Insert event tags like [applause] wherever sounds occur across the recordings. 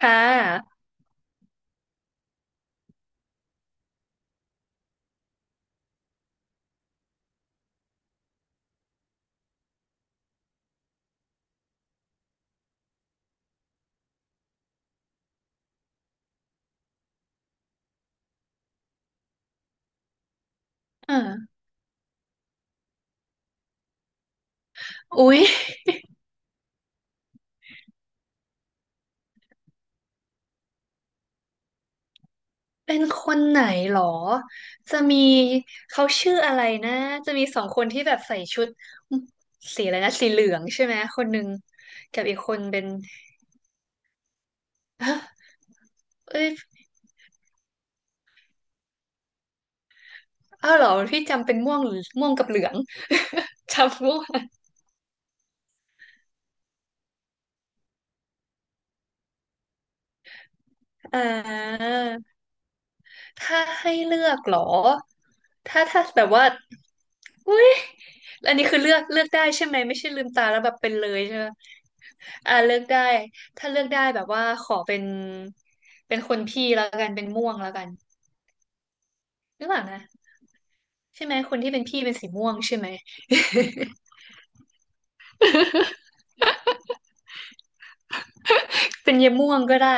ค่ะอ่าอุ๊ยเป็นคนไหนหรอ จะมีเขาชื่ออะไรนะ จะมีสองคนที่แบบใส่ชุดสีอะไรนะ สีเหลืองใช่ไหมคนหนึ่งกับอีกคนเป็นฮะเอ้ยอ้าวเหรอพี่จำเป็นม่วงหรือม่วงกับเหลือง [laughs] จำม่วงอ่าถ้าให้เลือกเหรอถ้าแบบว่า อุ้ยแล้วอันนี้คือเลือกเลือกได้ใช่ไหมไม่ใช่ลืมตาแล้วแบบเป็นเลยใช่ไหมอ่าเลือกได้ถ้าเลือกได้แบบว่าขอเป็นเป็นคนพี่แล้วกันเป็นม่วงแล้วกันหรือเปล่านะใช่ไหมคนที่เป็นพี่เป็นสีม่วงใช่ไหม [laughs] เป็นเยายม่วงก็ได้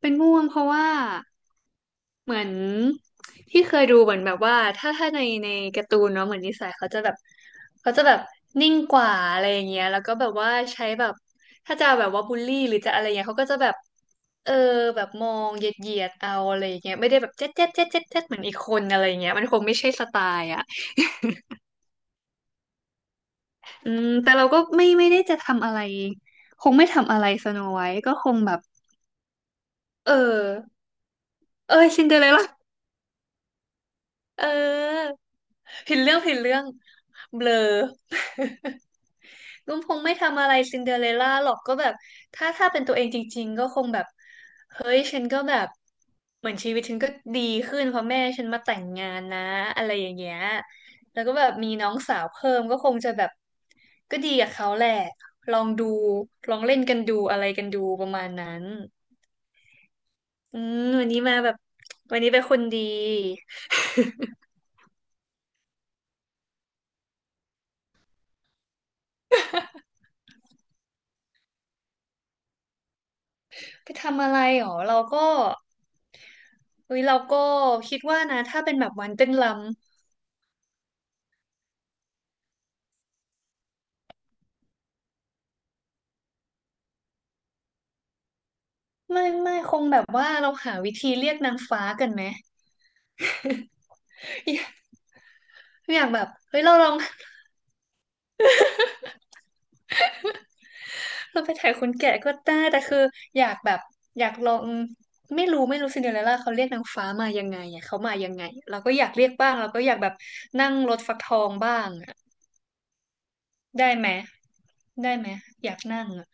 เป็นม่วงเพราะว่า เหมือนที่เคยดูเหมือนแบบว่าถ้าในการ์ตูนเนาะเหมือนนิสัยเขาจะแบบเขาจะแบบนิ่งกว่าอะไรอย่างเงี้ยแล้วก็แบบว่าใช้แบบถ้าจะแบบว่าบูลลี่หรือจะอะไรเงี้ยเขาก็จะแบบเออแบบมองเหยียดเอาอะไรอย่างเงี้ยไม่ได้แบบเจ๊ดเจ๊ดเจ๊ดเจ๊ดเจ๊ดเหมือนอีกคนอะไรอย่างเงี้ยมันคงไม่ใช่สไตล์อ่ะอืมแต่เราก็ไม่ได้จะทำอะไรคงไม่ทำอะไรสโนไวท์ก็คงแบบเออเออซินเดอเรลล่าเออผิดเรื่องเบลอ ลุงพงษ์ไม่ทำอะไรซินเดอเรลล่าหรอกก็แบบถ้าเป็นตัวเองจริงๆก็คงแบบเฮ้ยฉันก็แบบเหมือนชีวิตฉันก็ดีขึ้นเพราะแม่ฉันมาแต่งงานนะอะไรอย่างเงี้ยแล้วก็แบบมีน้องสาวเพิ่มก็คงจะแบบก็ดีกับเขาแหละลองดูลองเล่นกันดูอะไรกันดูประมาณนั้นอืมวันนี้มาแบบวันนี้เป็นคนดี [laughs] ไปทำอะไรหรอเราก็เฮ้ยเราก็คิดว่านะถ้าเป็นแบบวันเต้นรำ ไม่คงแบบว่าเราหาวิธีเรียกนางฟ้ากันไหมอยากอยากแบบเฮ้ยเราลอง [laughs] เราไปถ่ายคนแก่ก็ได้แต่คืออยากแบบอยากลองไม่รู้ซินเดอเรลล่าเขาเรียกนางฟ้ามายังไงอ่ะเขามายังไงเราก็อยากเรียกบ้างเราก็อยากแบบนั่งรถฟักทองบ้างอ่ะได้ไหมได้ไหมอยากนั่งอ่ะ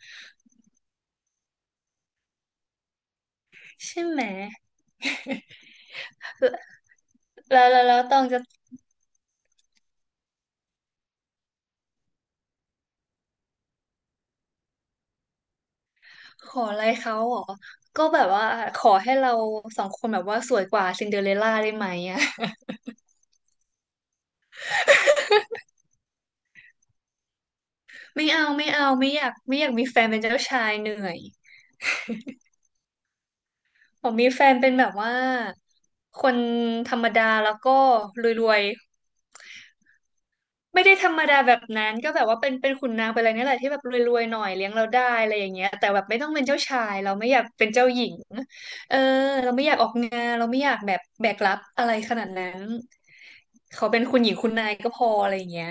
ใช่ไหมแล้วตองจะขออะไรเขาเหรอก็แบบว่าขอให้เราสองคนแบบว่าสวยกว่าซินเดอเรลล่าได้ไหมอ่ะ ไม่เอาไม่อยากมีแฟนเป็นเจ้าชายเหนื่อยผมมีแฟนเป็นแบบว่าคนธรรมดาแล้วก็รวยๆไม่ได้ธรรมดาแบบนั้นก็แบบว่าเป็นขุนนางเป็นอะไรเนี่ยแหละที่แบบรวยๆหน่อยเลี้ยงเราได้อะไรอย่างเงี้ยแต่แบบไม่ต้องเป็นเจ้าชายเราไม่อยากเป็นเจ้าหญิงเออเราไม่อยากออกงานเราไม่อยากแบบแบกรับอะไรขนาดนั้นเขาเป็นคุณหญิงคุณนายก็พออะไรอย่างเงี้ย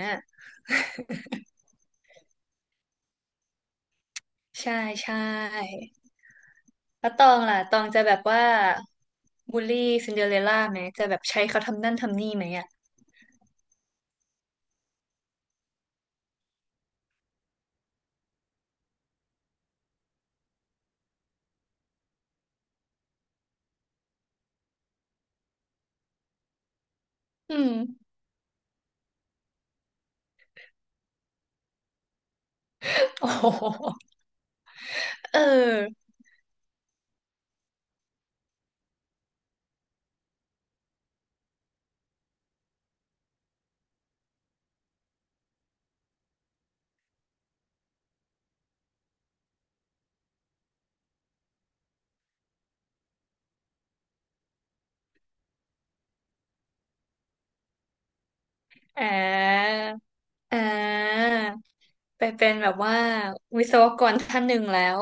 ใช่ใช่ แล้วตองล่ะตองจะแบบว่าบูลลี่ซินเดอเรลล่าไหมจะแบบใช้เขาทำนั่นทำนี่ไหมอ่ะอืมโอ้โหเอออ่าอ่าไปเป็นแบบว่าวิศวกรท่านหนึ่งแล้ว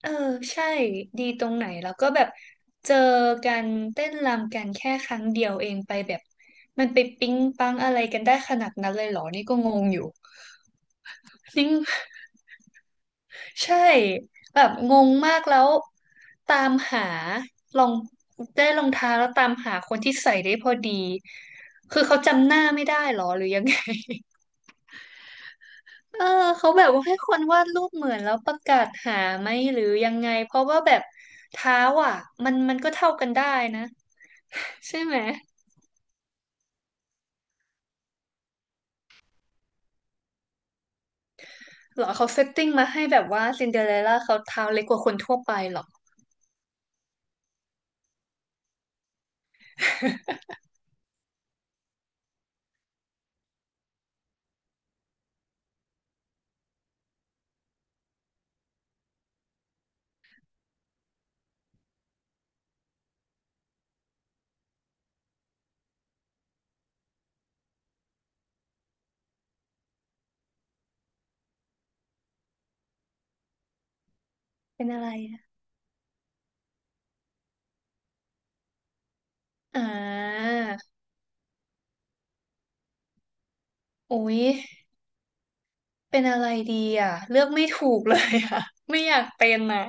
เออใช่ดีตรงไหนแล้วก็แบบเจอกันเต้นรำกันแค่ครั้งเดียวเองไปแบบมันไปปิ๊งปังอะไรกันได้ขนาดนั้นเลยเหรอนี่ก็งงอยู่จริง ใช่แบบงงมากแล้วตามหาลองได้รองเท้าแล้วตามหาคนที่ใส่ได้พอดีคือเขาจำหน้าไม่ได้หรอหรือยังไง [laughs] เออเขาแบบว่าให้คนวาดรูปเหมือนแล้วประกาศหาไหมหรือยังไงเพราะว่าแบบเท้าอ่ะมันก็เท่ากันได้นะใช่ไหมหรอเขาเซตติ้งมาให้แบบว่าซินเดอเรลล่าเขาเท้าเล็กกว่าคนทั่วไปหรอ [laughs] เป็นอะไรอะอ่าโอ้ย เป็นอะไรดีอ่ะเลือกไม่ถูกเลยอ่ะ [laughs] ไม่อยากเป็นอ่ะ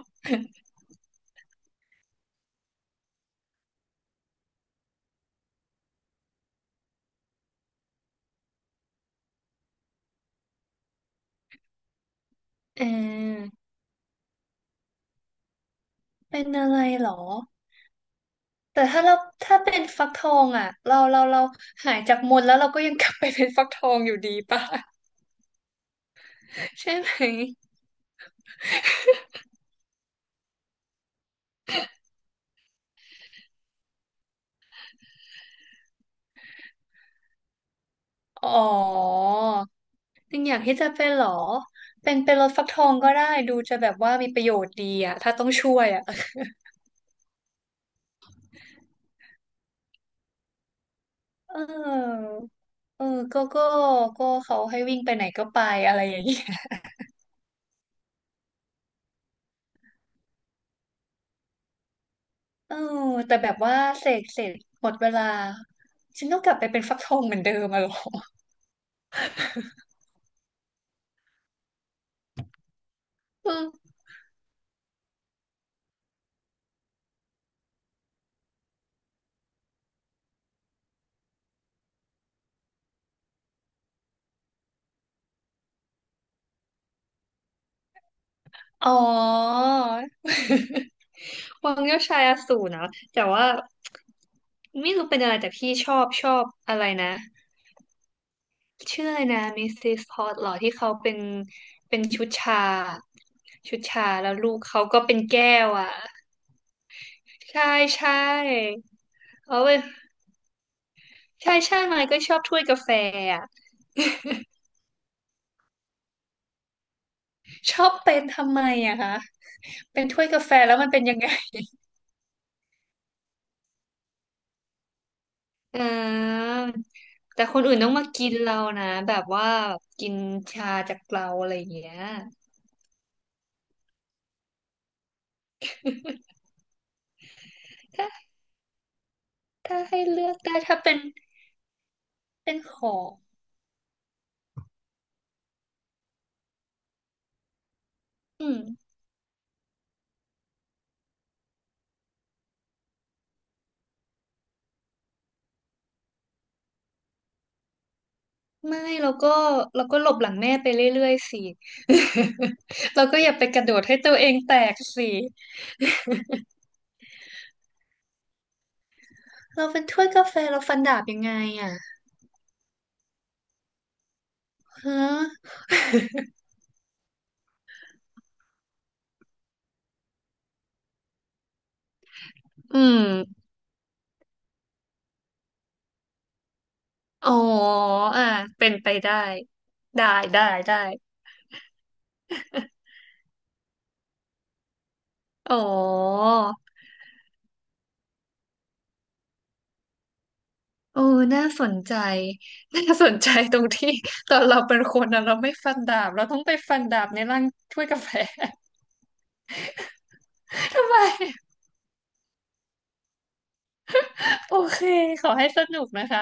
เออเป็นอะไรหรอแต่ถ้าเราถ้าเป็นฟักทองอ่ะเราหายจากมนต์แล้วเราก็ยังกลับไปเป็นฟักทองอยู่ดีป่ะ [laughs] ใช่ไหมอ๋อยังอยากที่จะเป็นเหรอเป็นเป็นรถฟักทองก็ได้ดูจะแบบว่ามีประโยชน์ดีอ่ะถ้าต้องช่วยอ่ะ [laughs] เออเออก็ก็ก็เขาให้วิ่งไปไหนก็ไปอะไรอย่างนี้ เออแต่แบบว่าเสกเสร็จหมดเวลาฉันต้องกลับไปเป็นฟักทองเหมือนเดิมอะเหรออืมอ๋อวังเจ้าชายอสูรเนาะแต่ว่าไม่รู้เป็นอะไรแต่พี่ชอบอะไรนะชื่ออะไรนะมิสซิสพอตหรอที่เขาเป็นเป็นชุดชาชุดชาแล้วลูกเขาก็เป็นแก้วอ่ะใช่ใช่เอาเว้ยใช่มันก็ชอบถ้วยกาแฟอะชอบเป็นทำไมอะคะเป็นถ้วยกาแฟแล้วมันเป็นยังไง เออแต่คนอื่นต้องมากินเรานะแบบว่ากินชาจากเราอะไรอย่างเงี้ยถ้าถ้าให้เลือกได้ถ้าเป็นเป็นของอืมไม่เราก็เราก็หลบหลังแม่ไปเรื่อยๆสิเราก็อย่าไปกระโดดให้ตัวเองแตกสิเราเป็นถ้วยกาแฟเราฟันดาบยังไงอ่ะฮะอืมอ๋ออ่ะเป็นไปได้ได้ได้ได้อ๋อ เออน่าสนใจ [laughs] น่าสนใจตรงที่ [laughs] ตอนเราเป็นคนนะเราไม่ฟันดาบ เราต้องไปฟันดาบในร่าง [laughs] ถ้วยกาแฟ [laughs] ทำไมโอเค ขอให้สนุกนะคะ